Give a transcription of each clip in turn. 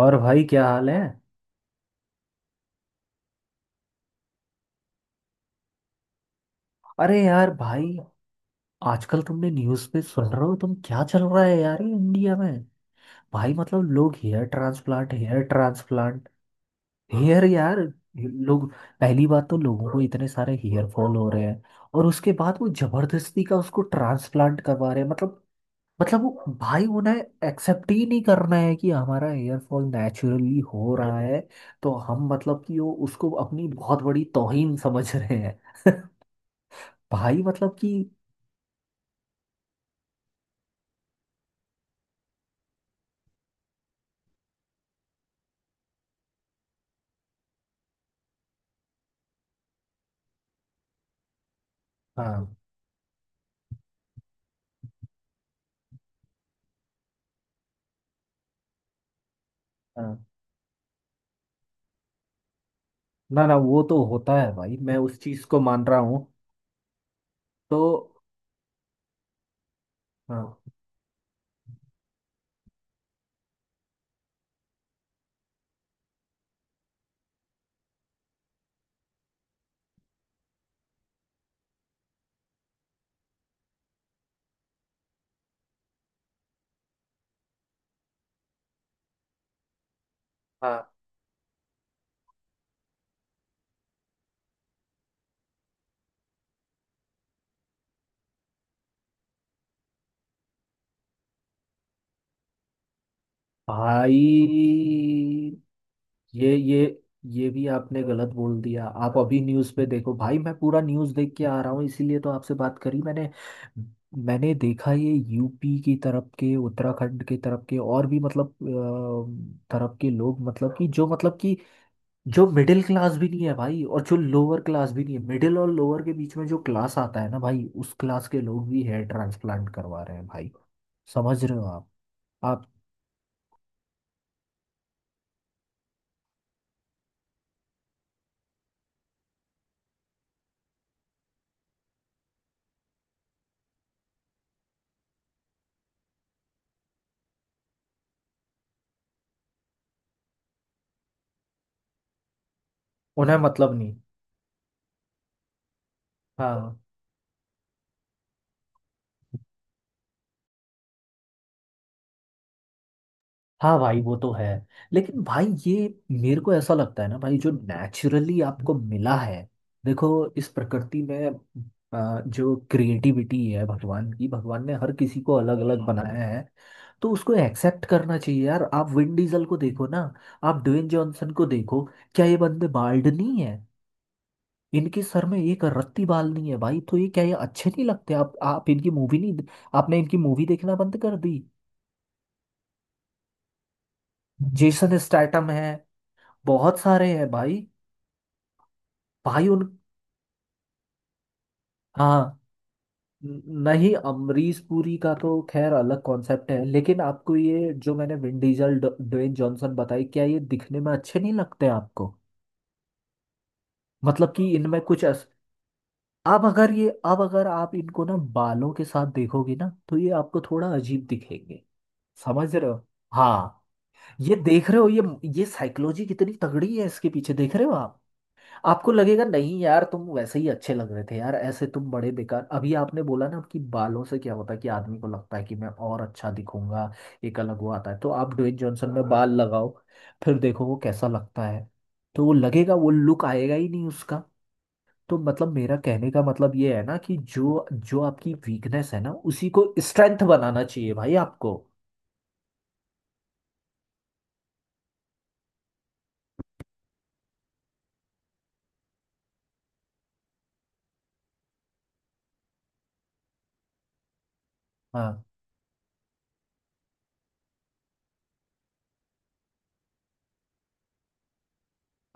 और भाई क्या हाल है? अरे यार भाई, आजकल तुमने न्यूज़ पे सुन रहे हो तुम क्या चल रहा है यार ये इंडिया में? भाई मतलब लोग hair transplant hair transplant. Hair यार। लोग पहली बात तो लोगों को इतने सारे हेयर फॉल हो रहे हैं और उसके बाद वो जबरदस्ती का उसको ट्रांसप्लांट करवा रहे हैं। मतलब वो भाई उन्हें एक्सेप्ट ही नहीं करना है कि हमारा हेयर फॉल नेचुरली हो रहा है। तो हम मतलब कि वो उसको अपनी बहुत बड़ी तौहीन समझ रहे हैं। भाई मतलब कि हाँ हाँ। ना ना वो तो होता है भाई, मैं उस चीज को मान रहा हूँ। तो हाँ हाँ। भाई ये ये ये भी आपने गलत बोल दिया। आप अभी न्यूज़ पे देखो भाई, मैं पूरा न्यूज़ देख के आ रहा हूँ, इसीलिए तो आपसे बात करी मैंने। मैंने देखा ये यूपी की तरफ के, उत्तराखंड के तरफ के और भी मतलब तरफ के लोग, मतलब कि जो, मतलब कि जो मिडिल क्लास भी नहीं है भाई, और जो लोअर क्लास भी नहीं है, मिडिल और लोअर के बीच में जो क्लास आता है ना भाई, उस क्लास के लोग भी हेयर ट्रांसप्लांट करवा रहे हैं भाई। समझ रहे हो आप उन्हें मतलब नहीं। हाँ हाँ भाई वो तो है। लेकिन भाई ये मेरे को ऐसा लगता है ना भाई, जो नेचुरली आपको मिला है। देखो, इस प्रकृति में जो क्रिएटिविटी है भगवान की, भगवान ने हर किसी को अलग अलग बनाया है। तो उसको एक्सेप्ट करना चाहिए यार। आप विन डीजल को देखो ना। आप ड्वेन जॉनसन को देखो। क्या ये बंदे बाल्ड नहीं है? इनके सर में एक रत्ती बाल नहीं है भाई। तो ये क्या, ये अच्छे नहीं लगते? आप इनकी मूवी नहीं, आपने इनकी मूवी देखना बंद कर दी? जेसन स्टैटम है। बहुत सारे हैं भाई। भाई उन हाँ, न- नहीं, अमरीश पुरी का तो खैर अलग कॉन्सेप्ट है, लेकिन आपको ये जो मैंने विन डीजल ड्वेन जॉनसन बताई, क्या ये दिखने में अच्छे नहीं लगते आपको? मतलब कि इनमें कुछ अब अगर ये, अब अगर आप इनको ना बालों के साथ देखोगे ना, तो ये आपको थोड़ा अजीब दिखेंगे। समझ रहे हो? हाँ। ये देख रहे हो, ये साइकोलॉजी कितनी तगड़ी है इसके पीछे, देख रहे हो आप? आपको लगेगा, नहीं यार तुम वैसे ही अच्छे लग रहे थे यार, ऐसे तुम बड़े बेकार। अभी आपने बोला ना कि बालों से क्या होता है कि आदमी को लगता है कि मैं और अच्छा दिखूंगा, एक अलग वो आता है। तो आप ड्वेन जॉनसन में बाल लगाओ, फिर देखो वो कैसा लगता है। तो वो लगेगा, वो लुक आएगा ही नहीं उसका। तो मतलब मेरा कहने का मतलब ये है ना कि जो जो आपकी वीकनेस है ना, उसी को स्ट्रेंथ बनाना चाहिए भाई आपको। हाँ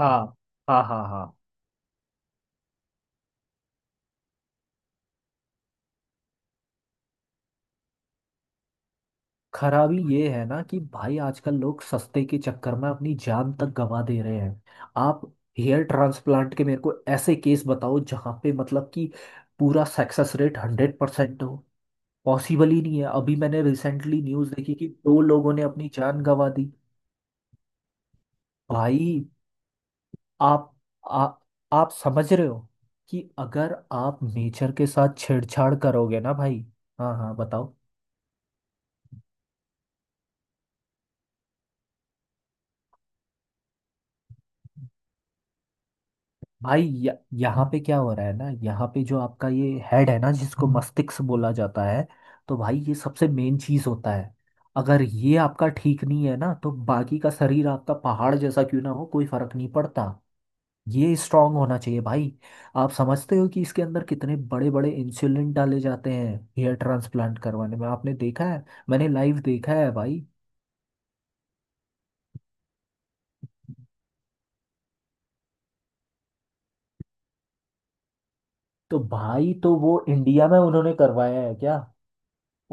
हाँ हाँ। हाँ हाँ। खराबी ये है ना कि भाई आजकल लोग सस्ते के चक्कर में अपनी जान तक गंवा दे रहे हैं। आप हेयर ट्रांसप्लांट के मेरे को ऐसे केस बताओ जहाँ पे मतलब कि पूरा सक्सेस रेट 100% हो। पॉसिबल ही नहीं है। अभी मैंने रिसेंटली न्यूज़ देखी कि दो लोगों ने अपनी जान गंवा दी भाई। आप आ, आप समझ रहे हो कि अगर आप नेचर के साथ छेड़छाड़ करोगे ना भाई। हाँ हाँ बताओ। भाई यहाँ पे क्या हो रहा है ना, यहाँ पे जो आपका ये हेड है ना जिसको मस्तिष्क बोला जाता है, तो भाई ये सबसे मेन चीज होता है। अगर ये आपका ठीक नहीं है ना, तो बाकी का शरीर आपका पहाड़ जैसा क्यों ना हो, कोई फर्क नहीं पड़ता। ये स्ट्रांग होना चाहिए भाई। आप समझते हो कि इसके अंदर कितने बड़े बड़े इंसुलिन डाले जाते हैं हेयर ट्रांसप्लांट करवाने में? आपने देखा है? मैंने लाइव देखा है भाई। तो भाई तो वो इंडिया में उन्होंने करवाया है क्या?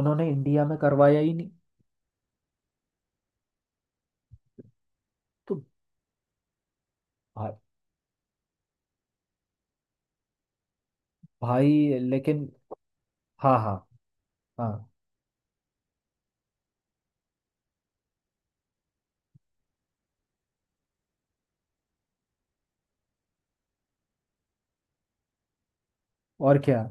उन्होंने इंडिया में करवाया ही नहीं। तो भा, भाई लेकिन हाँ हाँ हाँ और क्या,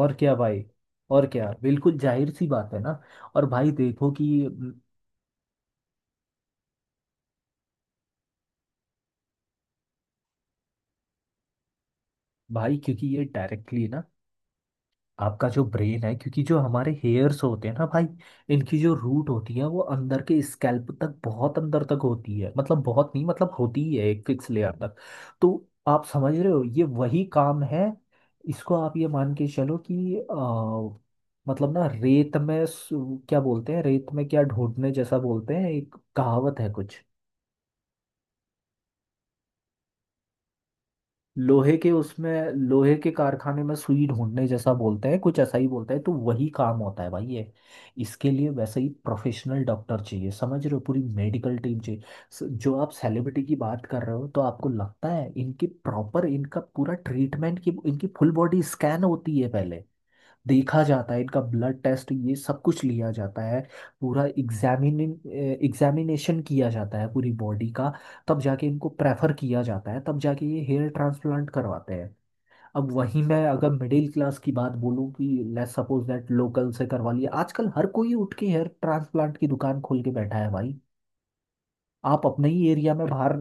और क्या भाई, और क्या, बिल्कुल जाहिर सी बात है ना। और भाई देखो कि भाई क्योंकि ये डायरेक्टली ना आपका जो ब्रेन है, क्योंकि जो हमारे हेयर्स होते हैं ना भाई, इनकी जो रूट होती है वो अंदर के स्कैल्प तक बहुत अंदर तक होती है, मतलब बहुत नहीं, मतलब होती ही है एक फिक्स लेयर तक। तो आप समझ रहे हो, ये वही काम है। इसको आप ये मान के चलो कि मतलब ना, रेत में क्या बोलते हैं, रेत में क्या ढूंढने जैसा बोलते हैं, एक कहावत है कुछ। लोहे के उसमें लोहे के कारखाने में सुई ढूंढने जैसा बोलते हैं, कुछ ऐसा ही बोलते हैं। तो वही काम होता है भाई ये। इसके लिए वैसे ही प्रोफेशनल डॉक्टर चाहिए, समझ रहे हो? पूरी मेडिकल टीम चाहिए। जो आप सेलिब्रिटी की बात कर रहे हो, तो आपको लगता है इनकी प्रॉपर, इनका पूरा ट्रीटमेंट की इनकी फुल बॉडी स्कैन होती है पहले, देखा जाता है, इनका ब्लड टेस्ट, ये सब कुछ लिया जाता है, पूरा एग्जामिन एग्जामिनेशन किया जाता है पूरी बॉडी का, तब जाके इनको प्रेफर किया जाता है, तब जाके ये हेयर ट्रांसप्लांट करवाते हैं। अब वहीं मैं अगर मिडिल क्लास की बात बोलूँ कि लेट्स सपोज दैट लोकल से करवा लिया, आजकल हर कोई उठ के हेयर ट्रांसप्लांट की दुकान खोल के बैठा है भाई। आप अपने ही एरिया में बाहर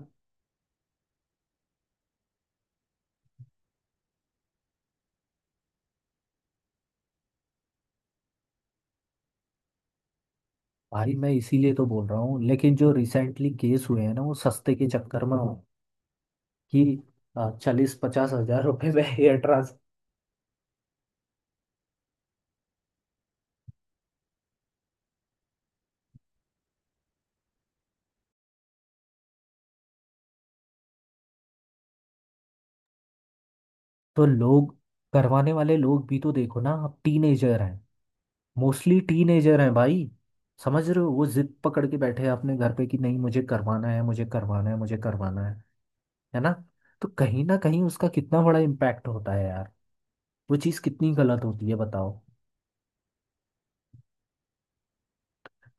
भाई, मैं इसीलिए तो बोल रहा हूँ, लेकिन जो रिसेंटली केस हुए हैं ना वो सस्ते के चक्कर में हो कि 40-50 हज़ार रुपए में हेयर तो लोग, करवाने वाले लोग भी तो देखो ना, आप टीनेजर हैं, मोस्टली टीनेजर हैं भाई। समझ रहे हो, वो जिद पकड़ के बैठे हैं अपने घर पे कि नहीं मुझे करवाना है, मुझे करवाना है, मुझे करवाना है ना? तो कहीं ना कहीं उसका कितना बड़ा इम्पैक्ट होता है यार, वो चीज़ कितनी गलत होती है बताओ।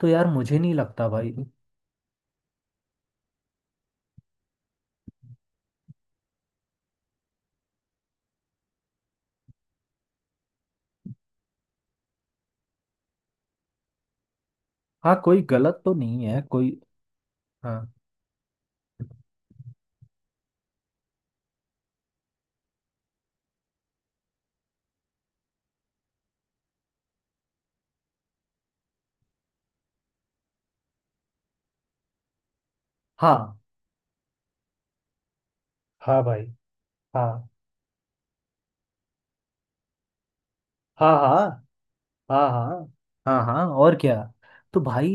तो यार मुझे नहीं लगता भाई। हाँ कोई गलत तो नहीं है कोई। हाँ हाँ हाँ भाई। हाँ हाँ हाँ। हाँ हाँ हाँ हाँ और क्या। तो भाई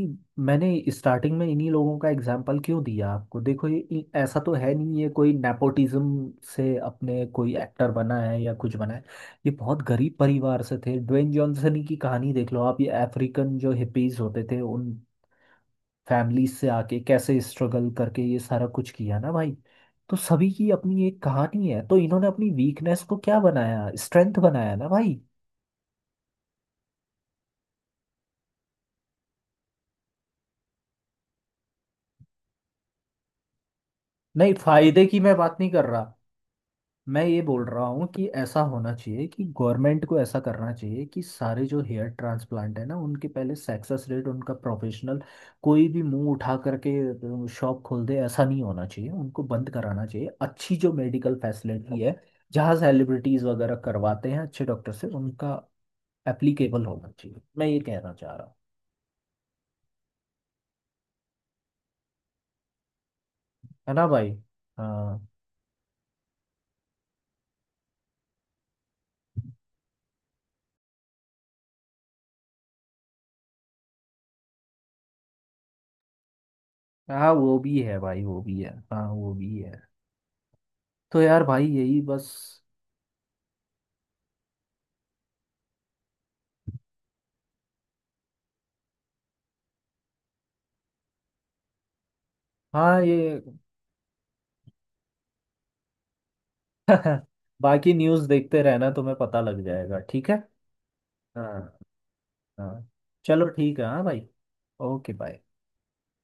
मैंने स्टार्टिंग में इन्हीं लोगों का एग्जाम्पल क्यों दिया आपको? देखो ये ऐसा तो है नहीं, ये कोई नेपोटिज्म से अपने कोई एक्टर बना है या कुछ बना है। ये बहुत गरीब परिवार से थे। ड्वेन जॉनसन की कहानी देख लो आप, ये अफ्रीकन जो हिपीज होते थे उन फैमिली से आके कैसे स्ट्रगल करके ये सारा कुछ किया ना भाई। तो सभी की अपनी एक कहानी है। तो इन्होंने अपनी वीकनेस को क्या बनाया? स्ट्रेंथ बनाया ना भाई। नहीं, फायदे की मैं बात नहीं कर रहा। मैं ये बोल रहा हूँ कि ऐसा होना चाहिए कि गवर्नमेंट को ऐसा करना चाहिए कि सारे जो हेयर ट्रांसप्लांट है ना उनके पहले सक्सेस रेट, उनका प्रोफेशनल, कोई भी मुंह उठा करके शॉप खोल दे ऐसा नहीं होना चाहिए, उनको बंद कराना चाहिए। अच्छी जो मेडिकल फैसिलिटी है जहाँ सेलिब्रिटीज़ वगैरह करवाते हैं अच्छे डॉक्टर से उनका एप्लीकेबल होना चाहिए, मैं ये कहना चाह रहा हूँ। है ना भाई? हाँ, हाँ वो भी है भाई, वो भी है, हाँ वो भी है। तो यार भाई यही बस। हाँ ये। बाकी न्यूज़ देखते रहना, तुम्हें पता लग जाएगा, ठीक है? हाँ। हाँ। चलो ठीक है, हाँ भाई। Okay bye.